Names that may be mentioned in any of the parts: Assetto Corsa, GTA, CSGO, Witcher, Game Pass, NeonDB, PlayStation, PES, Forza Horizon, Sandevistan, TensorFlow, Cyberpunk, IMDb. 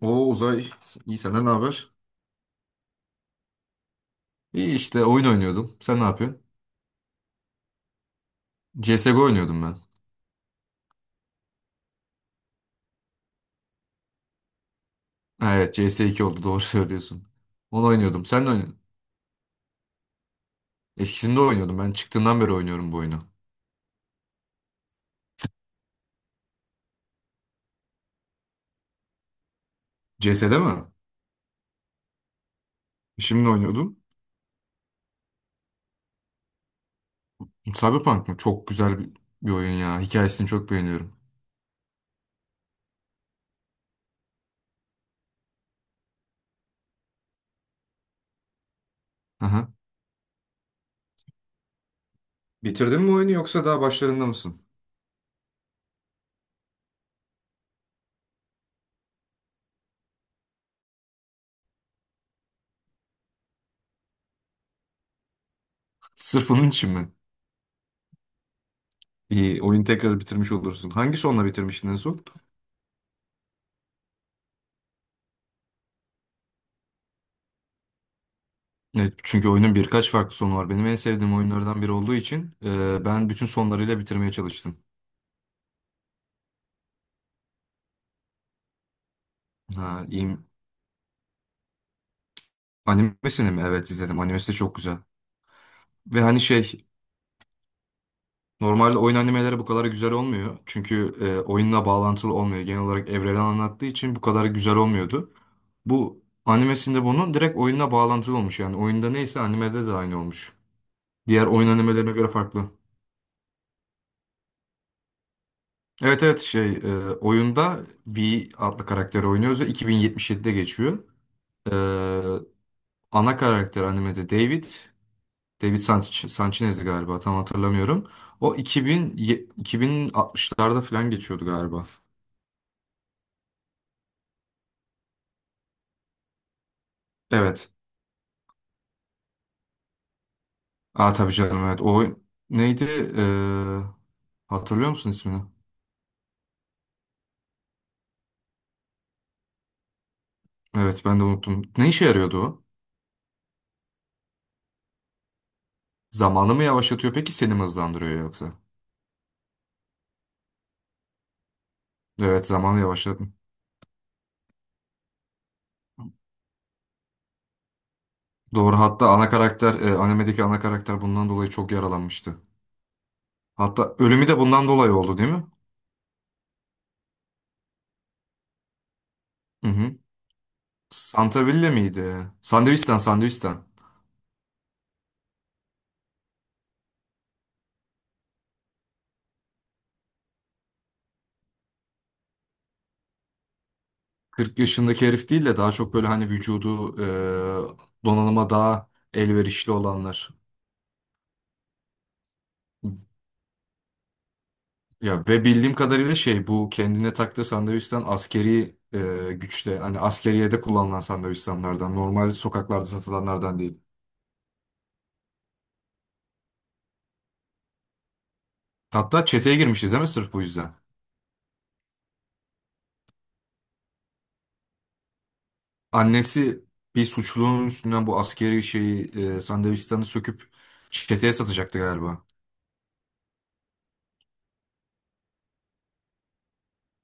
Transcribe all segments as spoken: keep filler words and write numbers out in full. O Uzay, iyi senden ne haber? İyi işte oyun oynuyordum. Sen ne yapıyorsun? C S G O oynuyordum ben. Ha, evet cs iki oldu doğru söylüyorsun. Onu oynuyordum. Sen de oynuyordun. Eskisinde oynuyordum. Ben çıktığından beri oynuyorum bu oyunu. C S'de mi? Şimdi oynuyordum. Cyberpunk mı? Çok güzel bir, bir oyun ya. Hikayesini çok beğeniyorum. Aha. Bitirdin mi oyunu yoksa daha başlarında mısın? Sırf onun için mi? İyi, oyunu tekrar bitirmiş olursun. Hangi sonla bitirmiştin en son? Evet, çünkü oyunun birkaç farklı sonu var. Benim en sevdiğim oyunlardan biri olduğu için e, ben bütün sonlarıyla bitirmeye çalıştım. Ha, iyi. Animesini mi? Evet izledim. Animesi de çok güzel. Ve hani şey normalde oyun animeleri bu kadar güzel olmuyor. Çünkü e, oyunla bağlantılı olmuyor. Genel olarak evreni anlattığı için bu kadar güzel olmuyordu. Bu animesinde bunun direkt oyunla bağlantılı olmuş. Yani oyunda neyse animede de aynı olmuş. Diğer oyun animelerine göre farklı. Evet, evet, şey, e, oyunda V adlı karakteri oynuyoruz ve iki bin yetmiş yedide geçiyor. Ee, ana karakter animede David, David Sanch Sanchez galiba tam hatırlamıyorum. O iki bin ye- iki bin altmışlarda falan geçiyordu galiba. Evet. Aa, tabii canım, evet. O neydi? Ee, hatırlıyor musun ismini? Evet, ben de unuttum. Ne işe yarıyordu o? Zamanı mı yavaşlatıyor peki seni mi hızlandırıyor yoksa? Evet, zamanı yavaşlatıyor. Doğru, hatta ana karakter e, animedeki ana karakter bundan dolayı çok yaralanmıştı. Hatta ölümü de bundan dolayı oldu, değil mi? Hı hı. Santa Villa miydi? Sandevistan, Sandevistan. kırk yaşındaki herif değil de daha çok böyle hani vücudu e, donanıma daha elverişli olanlar. Ya ve bildiğim kadarıyla şey bu kendine taktığı Sandevistan askeri e, güçte hani askeriyede kullanılan Sandevistanlardan, normal sokaklarda satılanlardan değil. Hatta çeteye girmişti değil mi sırf bu yüzden? Annesi bir suçlunun üstünden bu askeri şeyi e, Sandevistan'ı söküp çeteye satacaktı galiba.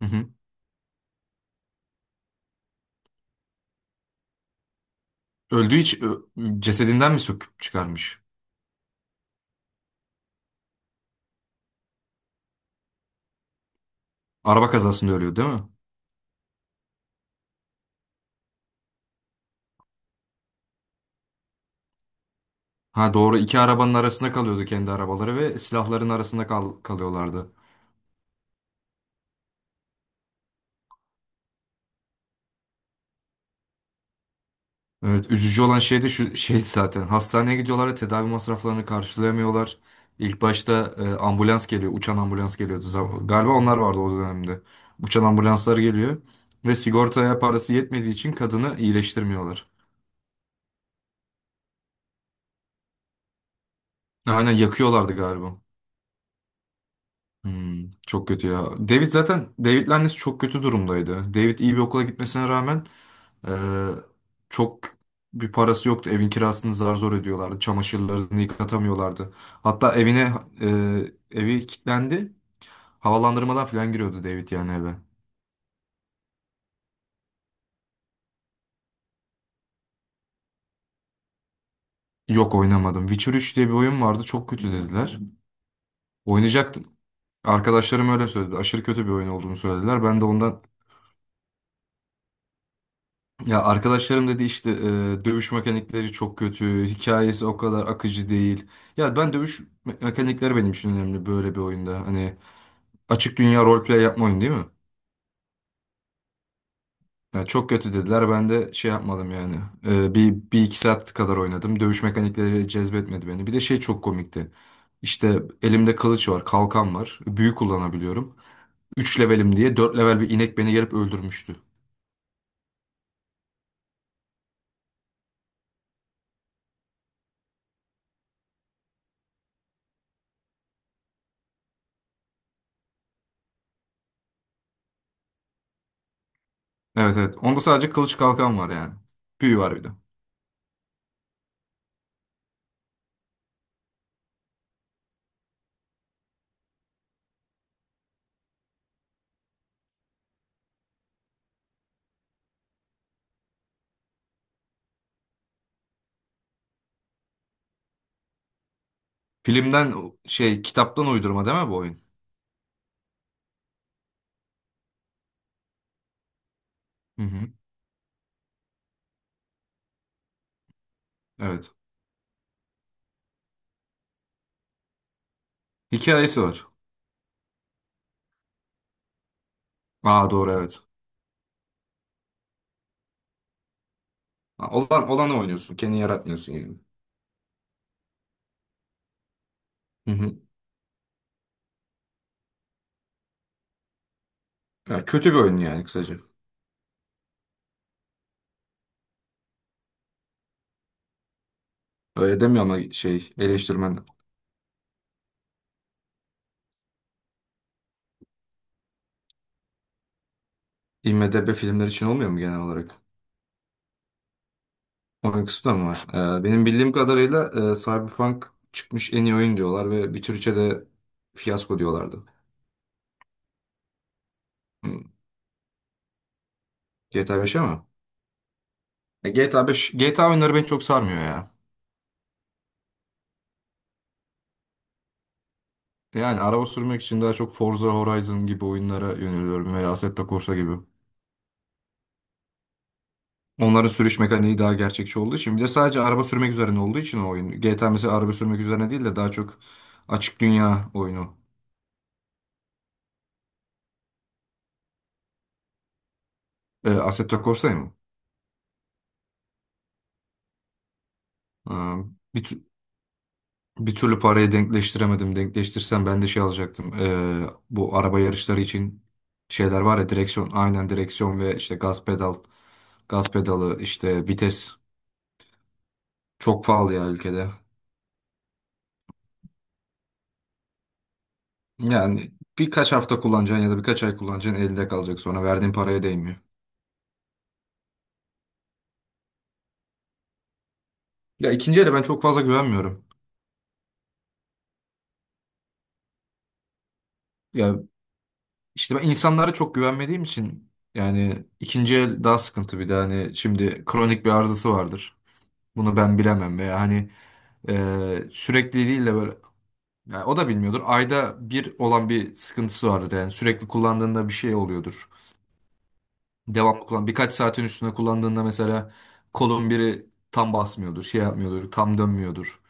Öldüğü için ö- Cesedinden mi söküp çıkarmış? Araba kazasında ölüyor değil mi? Ha doğru, iki arabanın arasında kalıyordu, kendi arabaları ve silahların arasında kal kalıyorlardı. Evet, üzücü olan şey de şu şey zaten hastaneye gidiyorlar ve tedavi masraflarını karşılayamıyorlar. İlk başta e, ambulans geliyor, uçan ambulans geliyordu. Zam- Galiba onlar vardı o dönemde. Uçan ambulanslar geliyor ve sigortaya parası yetmediği için kadını iyileştirmiyorlar. Aynen, yakıyorlardı galiba. Hmm, çok kötü ya. David zaten David'le annesi çok kötü durumdaydı. David iyi bir okula gitmesine rağmen e, çok bir parası yoktu. Evin kirasını zar zor ödüyorlardı. Çamaşırlarını yıkatamıyorlardı. Hatta evine e, evi kilitlendi. Havalandırmadan falan giriyordu David yani eve. Yok, oynamadım. Witcher üç diye bir oyun vardı. Çok kötü dediler. Oynayacaktım. Arkadaşlarım öyle söyledi. Aşırı kötü bir oyun olduğunu söylediler. Ben de ondan. Ya arkadaşlarım dedi işte e, dövüş mekanikleri çok kötü, hikayesi o kadar akıcı değil. Ya, ben dövüş me- mekanikleri benim için önemli böyle bir oyunda. Hani açık dünya roleplay yapma oyunu değil mi? Ya çok kötü dediler, ben de şey yapmadım yani. E, bir, bir iki saat kadar oynadım. Dövüş mekanikleri cezbetmedi beni. Bir de şey çok komikti. İşte elimde kılıç var, kalkan var. Büyü kullanabiliyorum. Üç levelim diye dört level bir inek beni gelip öldürmüştü. Evet, evet. Onda sadece kılıç kalkan var yani. Büyü var bir de. Filmden şey kitaptan uydurma değil mi bu oyun? Hı hı. Evet. Hikayesi var. Aa doğru, evet. Ha, Olan olanı oynuyorsun. Kendi yaratmıyorsun yani. Hı hı. Ya, kötü bir oyun yani kısaca. Öyle demiyor ama şey, eleştirmen. IMDb filmler için olmuyor mu genel olarak? Oyun kısmı da mı var? Ee, benim bildiğim kadarıyla e, Cyberpunk çıkmış en iyi oyun diyorlar ve Witcher üçe de fiyasko diyorlardı. Hı. G T A beşe mi? E, G T A beş, G T A oyunları beni çok sarmıyor ya. Yani araba sürmek için daha çok Forza Horizon gibi oyunlara yöneliyorum veya Assetto Corsa gibi. Onların sürüş mekaniği daha gerçekçi olduğu için bir de sadece araba sürmek üzerine olduğu için o oyun. G T A mesela araba sürmek üzerine değil de daha çok açık dünya oyunu. E, Assetto Corsa'yı mı? Ha, bir, tü- bir türlü parayı denkleştiremedim. Denkleştirsem ben de şey alacaktım. E, bu araba yarışları için şeyler var ya, direksiyon. Aynen, direksiyon ve işte gaz pedal. Gaz pedalı işte vites. Çok pahalı ya ülkede. Yani birkaç hafta kullanacaksın ya da birkaç ay kullanacaksın, elde kalacak, sonra verdiğin paraya değmiyor. Ya, ikinci ele ben çok fazla güvenmiyorum. Ya işte ben insanlara çok güvenmediğim için yani ikinci el daha sıkıntı, bir de hani şimdi kronik bir arızası vardır. Bunu ben bilemem veya hani e, sürekli değil de böyle, yani o da bilmiyordur. Ayda bir olan bir sıkıntısı vardır yani sürekli kullandığında bir şey oluyordur. Devamlı kullan, birkaç saatin üstüne kullandığında mesela kolun biri tam basmıyordur, şey yapmıyordur, tam dönmüyordur.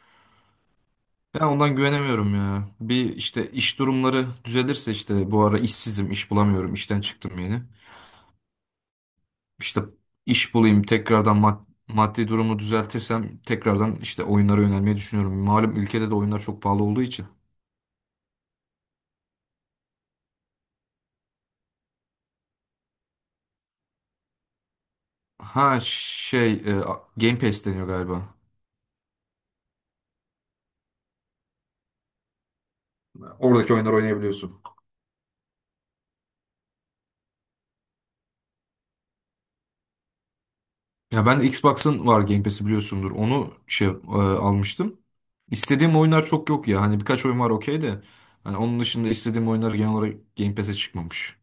Ben ondan güvenemiyorum ya. Bir işte iş durumları düzelirse işte bu ara işsizim, iş bulamıyorum, işten çıktım yeni. İşte iş bulayım, tekrardan mad- maddi durumu düzeltirsem tekrardan işte oyunlara yönelmeyi düşünüyorum. Malum ülkede de oyunlar çok pahalı olduğu için. Ha şey, e, Game Pass deniyor galiba. Oradaki oyunları oynayabiliyorsun. Ya ben de Xbox'ın var, Game Pass'i biliyorsundur. Onu şey e, almıştım. İstediğim oyunlar çok yok ya. Hani birkaç oyun var, okey de. Hani onun dışında istediğim oyunlar genel olarak Game Pass'e çıkmamış.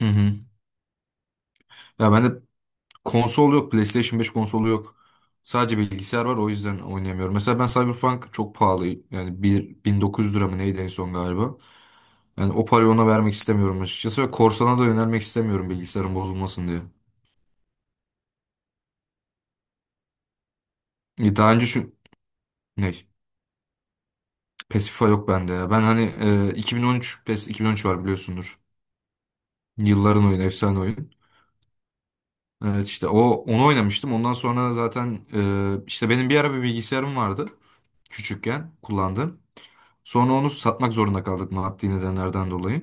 Hı hı. Ya bende konsol yok. PlayStation beş konsolu yok. Sadece bilgisayar var, o yüzden oynayamıyorum. Mesela ben Cyberpunk çok pahalı. Yani bir, bin dokuz yüz lira mı neydi en son galiba. Yani o parayı ona vermek istemiyorum açıkçası. Ve korsana da yönelmek istemiyorum bilgisayarın bozulmasın diye. E, Daha önce şu... Ne? Pasify yok bende ya. Ben hani e, iki bin on üç PES iki bin on üç var biliyorsundur. Yılların oyunu, efsane oyun. Evet işte o onu oynamıştım. Ondan sonra zaten e, işte benim bir ara bir bilgisayarım vardı küçükken kullandığım. Sonra onu satmak zorunda kaldık maddi nedenlerden dolayı.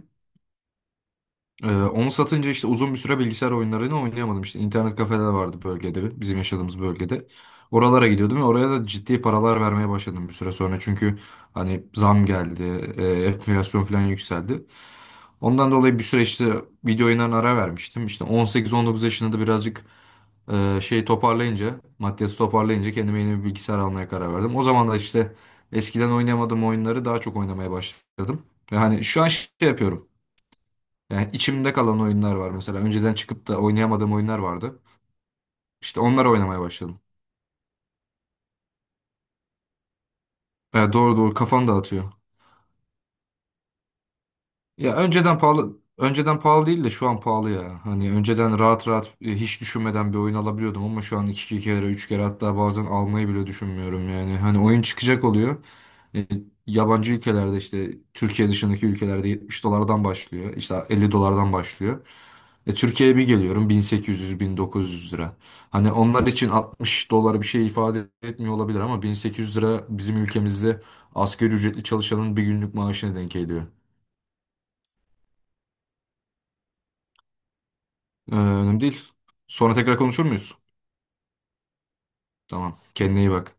Ee, onu satınca işte uzun bir süre bilgisayar oyunlarını oynayamadım. İşte internet kafeler vardı bölgede, bizim yaşadığımız bölgede. Oralara gidiyordum ve oraya da ciddi paralar vermeye başladım bir süre sonra. Çünkü hani zam geldi, e, enflasyon falan yükseldi. Ondan dolayı bir süre işte video oyunlarına ara vermiştim. İşte on sekiz, on dokuz yaşında da birazcık ee, şey toparlayınca, maddiyatı toparlayınca kendime yeni bir bilgisayar almaya karar verdim. O zaman da işte eskiden oynayamadığım oyunları daha çok oynamaya başladım. Yani şu an şey yapıyorum. Yani içimde kalan oyunlar var mesela. Önceden çıkıp da oynayamadığım oyunlar vardı. İşte onları oynamaya başladım. Yani doğru doğru kafam dağıtıyor. Ya önceden pahalı, önceden pahalı değil de şu an pahalı ya. Hani önceden rahat rahat e, hiç düşünmeden bir oyun alabiliyordum ama şu an iki, iki kere üç kere hatta bazen almayı bile düşünmüyorum yani. Hani oyun çıkacak oluyor. E, yabancı ülkelerde işte Türkiye dışındaki ülkelerde yetmiş dolardan başlıyor. İşte elli dolardan başlıyor. E, Türkiye'ye bir geliyorum bin bin sekiz yüz bin dokuz yüz lira. Hani onlar için altmış dolar bir şey ifade etmiyor olabilir ama bin sekiz yüz lira bizim ülkemizde asgari ücretli çalışanın bir günlük maaşına denk geliyor. Ee, önemli değil. Sonra tekrar konuşur muyuz? Tamam. Kendine iyi bak.